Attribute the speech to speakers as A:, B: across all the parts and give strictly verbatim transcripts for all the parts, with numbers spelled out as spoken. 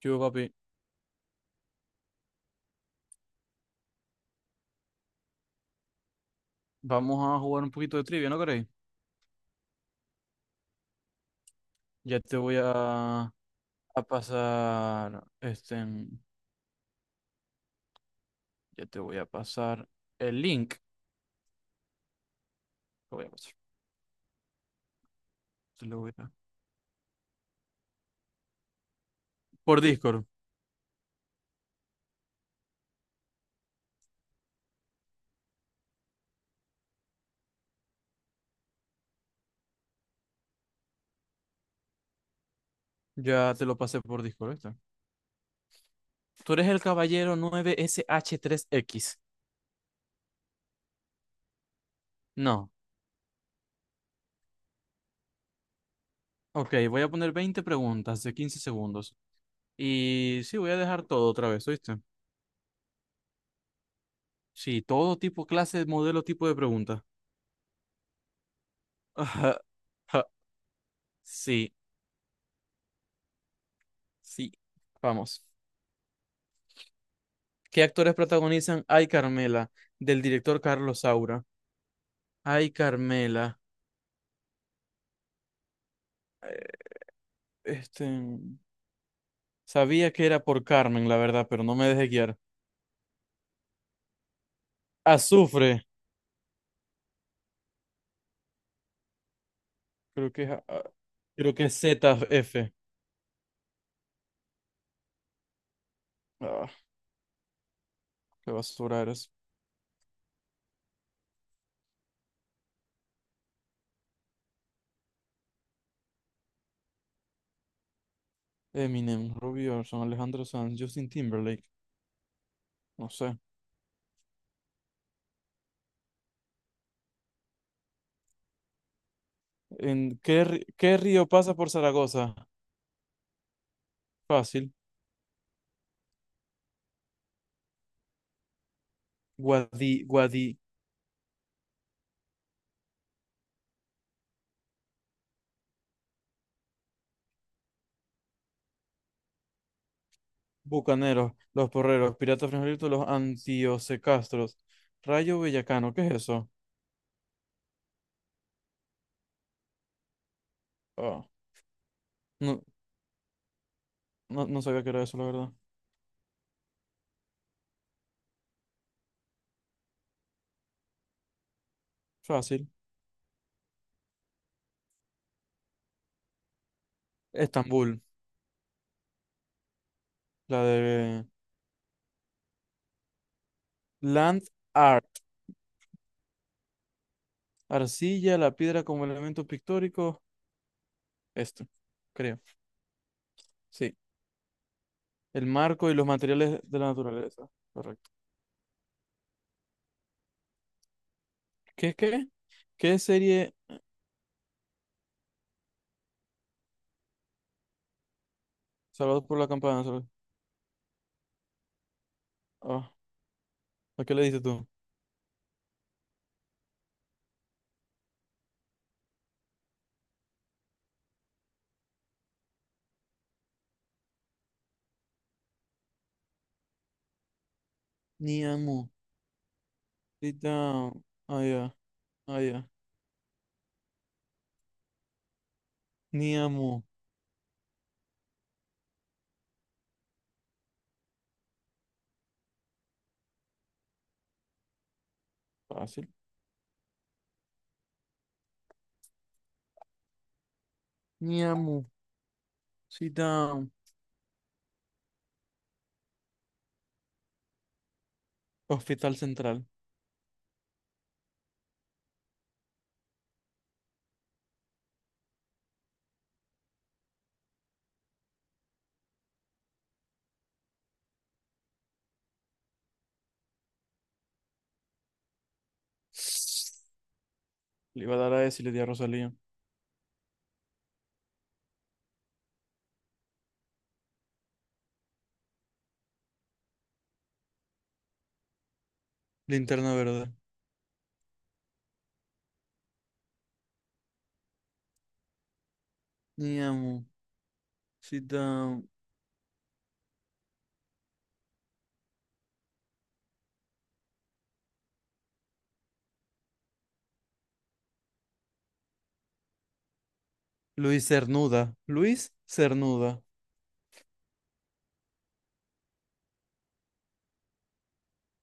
A: Yo, papi, vamos a jugar un poquito de trivia, ¿no queréis? Ya te voy a, a pasar, este, en- ya te voy a pasar el link. Lo voy a pasar, te lo voy a- por Discord, ya te lo pasé por Discord, ¿viste? Tú eres el caballero nueve sh tres x. No, ok, voy a poner veinte preguntas de quince segundos. Y sí, voy a dejar todo otra vez, ¿oíste? Sí, todo tipo, clase, modelo, tipo de pregunta. Ajá, ajá, sí, sí, vamos. ¿Qué actores protagonizan Ay Carmela? Del director Carlos Saura. Ay Carmela. Eh, Este, sabía que era por Carmen, la verdad, pero no me dejé guiar. Azufre. Creo que es, a- a- creo que es Z F. Ah, qué basura eres. Eminem, Robbie Orson, Alejandro Sanz, Justin Timberlake. No sé. ¿En qué, ri- ¿qué río pasa por Zaragoza? Fácil. Guadi, Guadi, bucaneros, los porreros, piratas frijolitos, los antiosecastros. Rayo Bellacano, ¿qué es eso? Ah, no, no, no sabía que era eso, la verdad. Fácil. Estambul, la de Land Art. Arcilla, la piedra como elemento pictórico. Esto, creo. Sí. El marco y los materiales de la naturaleza. Correcto. ¿Qué, qué? ¿Qué serie? Salvados por la campana. Salvados. Ah, ¿a qué le dices tú? Ni amo. Sit down. Ah, ya. Ah, ya. Ni amo. Fácil. Mi amo, cita Hospital Central. Le iba a dar a ese y le di a Rosalía. Linterna verde. Mi amo, cita Luis Cernuda. Luis Cernuda.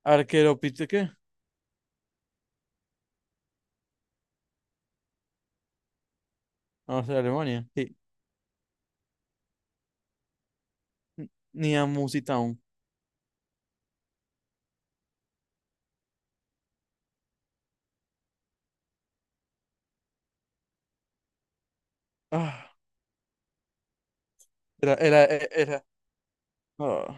A: Arquero pite, ¿qué? Vamos a ser Alemania. Sí. Ni amo, cita. Ah, era, era, e- era. Ah,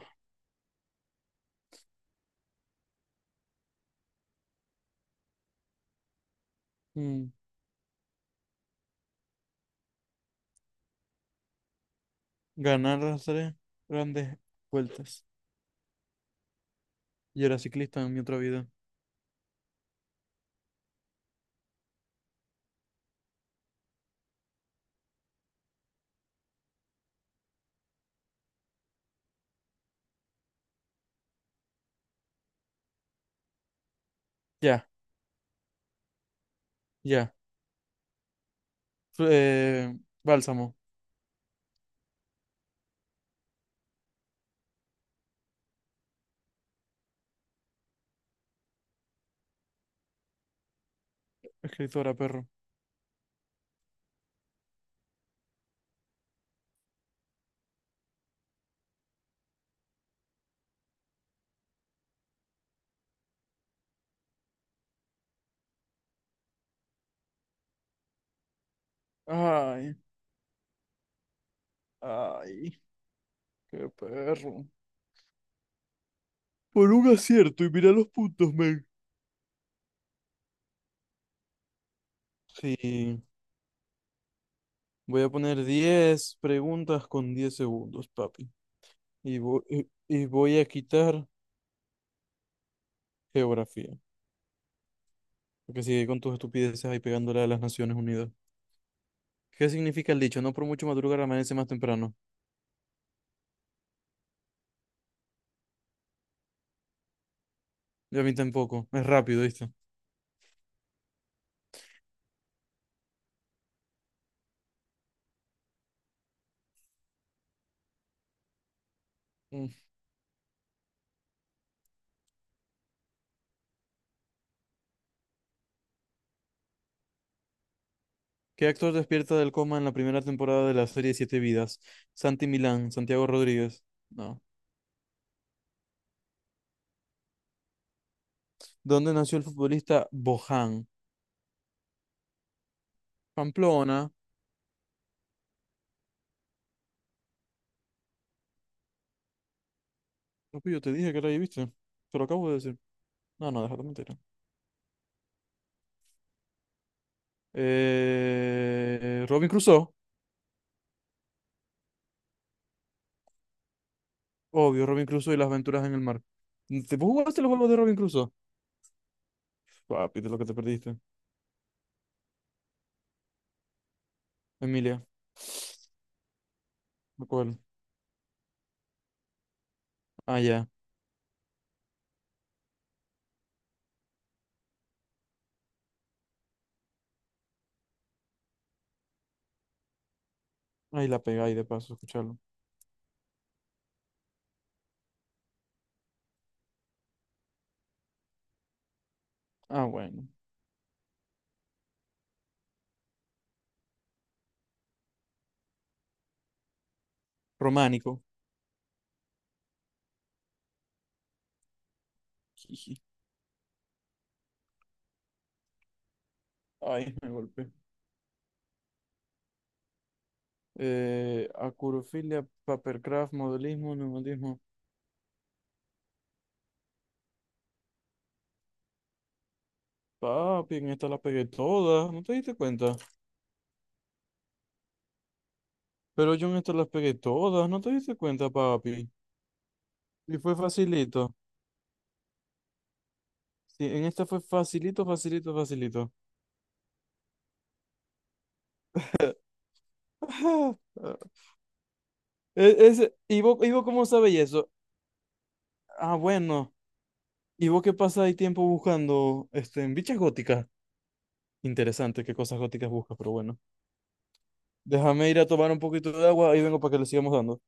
A: mm, ganar las tres grandes vueltas. Yo era ciclista en mi otra vida. Ya, ya. Fl- eh, bálsamo. Escritora, perro. Ay, ay. Qué perro. Por un acierto y mira los puntos, men. Sí, voy a poner diez preguntas con diez segundos, papi. Y voy, y y voy a quitar geografía. Porque sigue con tus estupideces ahí pegándole a las Naciones Unidas. ¿Qué significa el dicho? No por mucho madrugar amanece más temprano. Y a mí tampoco. Es rápido, ¿viste? Mm. ¿Qué actor despierta del coma en la primera temporada de la serie Siete Vidas? Santi Milán, Santiago Rodríguez. No. ¿Dónde nació el futbolista Bojan? Pamplona. No, pues yo te dije que la ahí, ¿viste? Te lo acabo de decir. No, no, déjate mentir. Eh, Robin Crusoe. Obvio, Robin Crusoe y las aventuras en el mar. ¿Te vos jugaste los juegos de Robin Crusoe? Papi, de lo que te perdiste. Emilia. ¿De ¿Cuál? Ah, ya. Ahí la pegáis de paso, escucharlo. Ah, bueno. Románico. Jiji. Ay, me golpeé. Eh, acurofilia, papercraft, modelismo, neumatismo. Papi, en esta las pegué todas, ¿no te diste cuenta? Pero yo en esta las pegué todas, ¿no te diste cuenta, papi? Y fue facilito. Sí, en esta fue facilito, facilito, facilito. Ajá. E- ese- ¿y vos, y vos cómo sabéis eso? Ah, bueno. ¿Y vos qué pasa ahí tiempo buscando este, en bichas góticas? Interesante qué cosas góticas buscas, pero bueno. Déjame ir a tomar un poquito de agua y vengo para que le sigamos dando.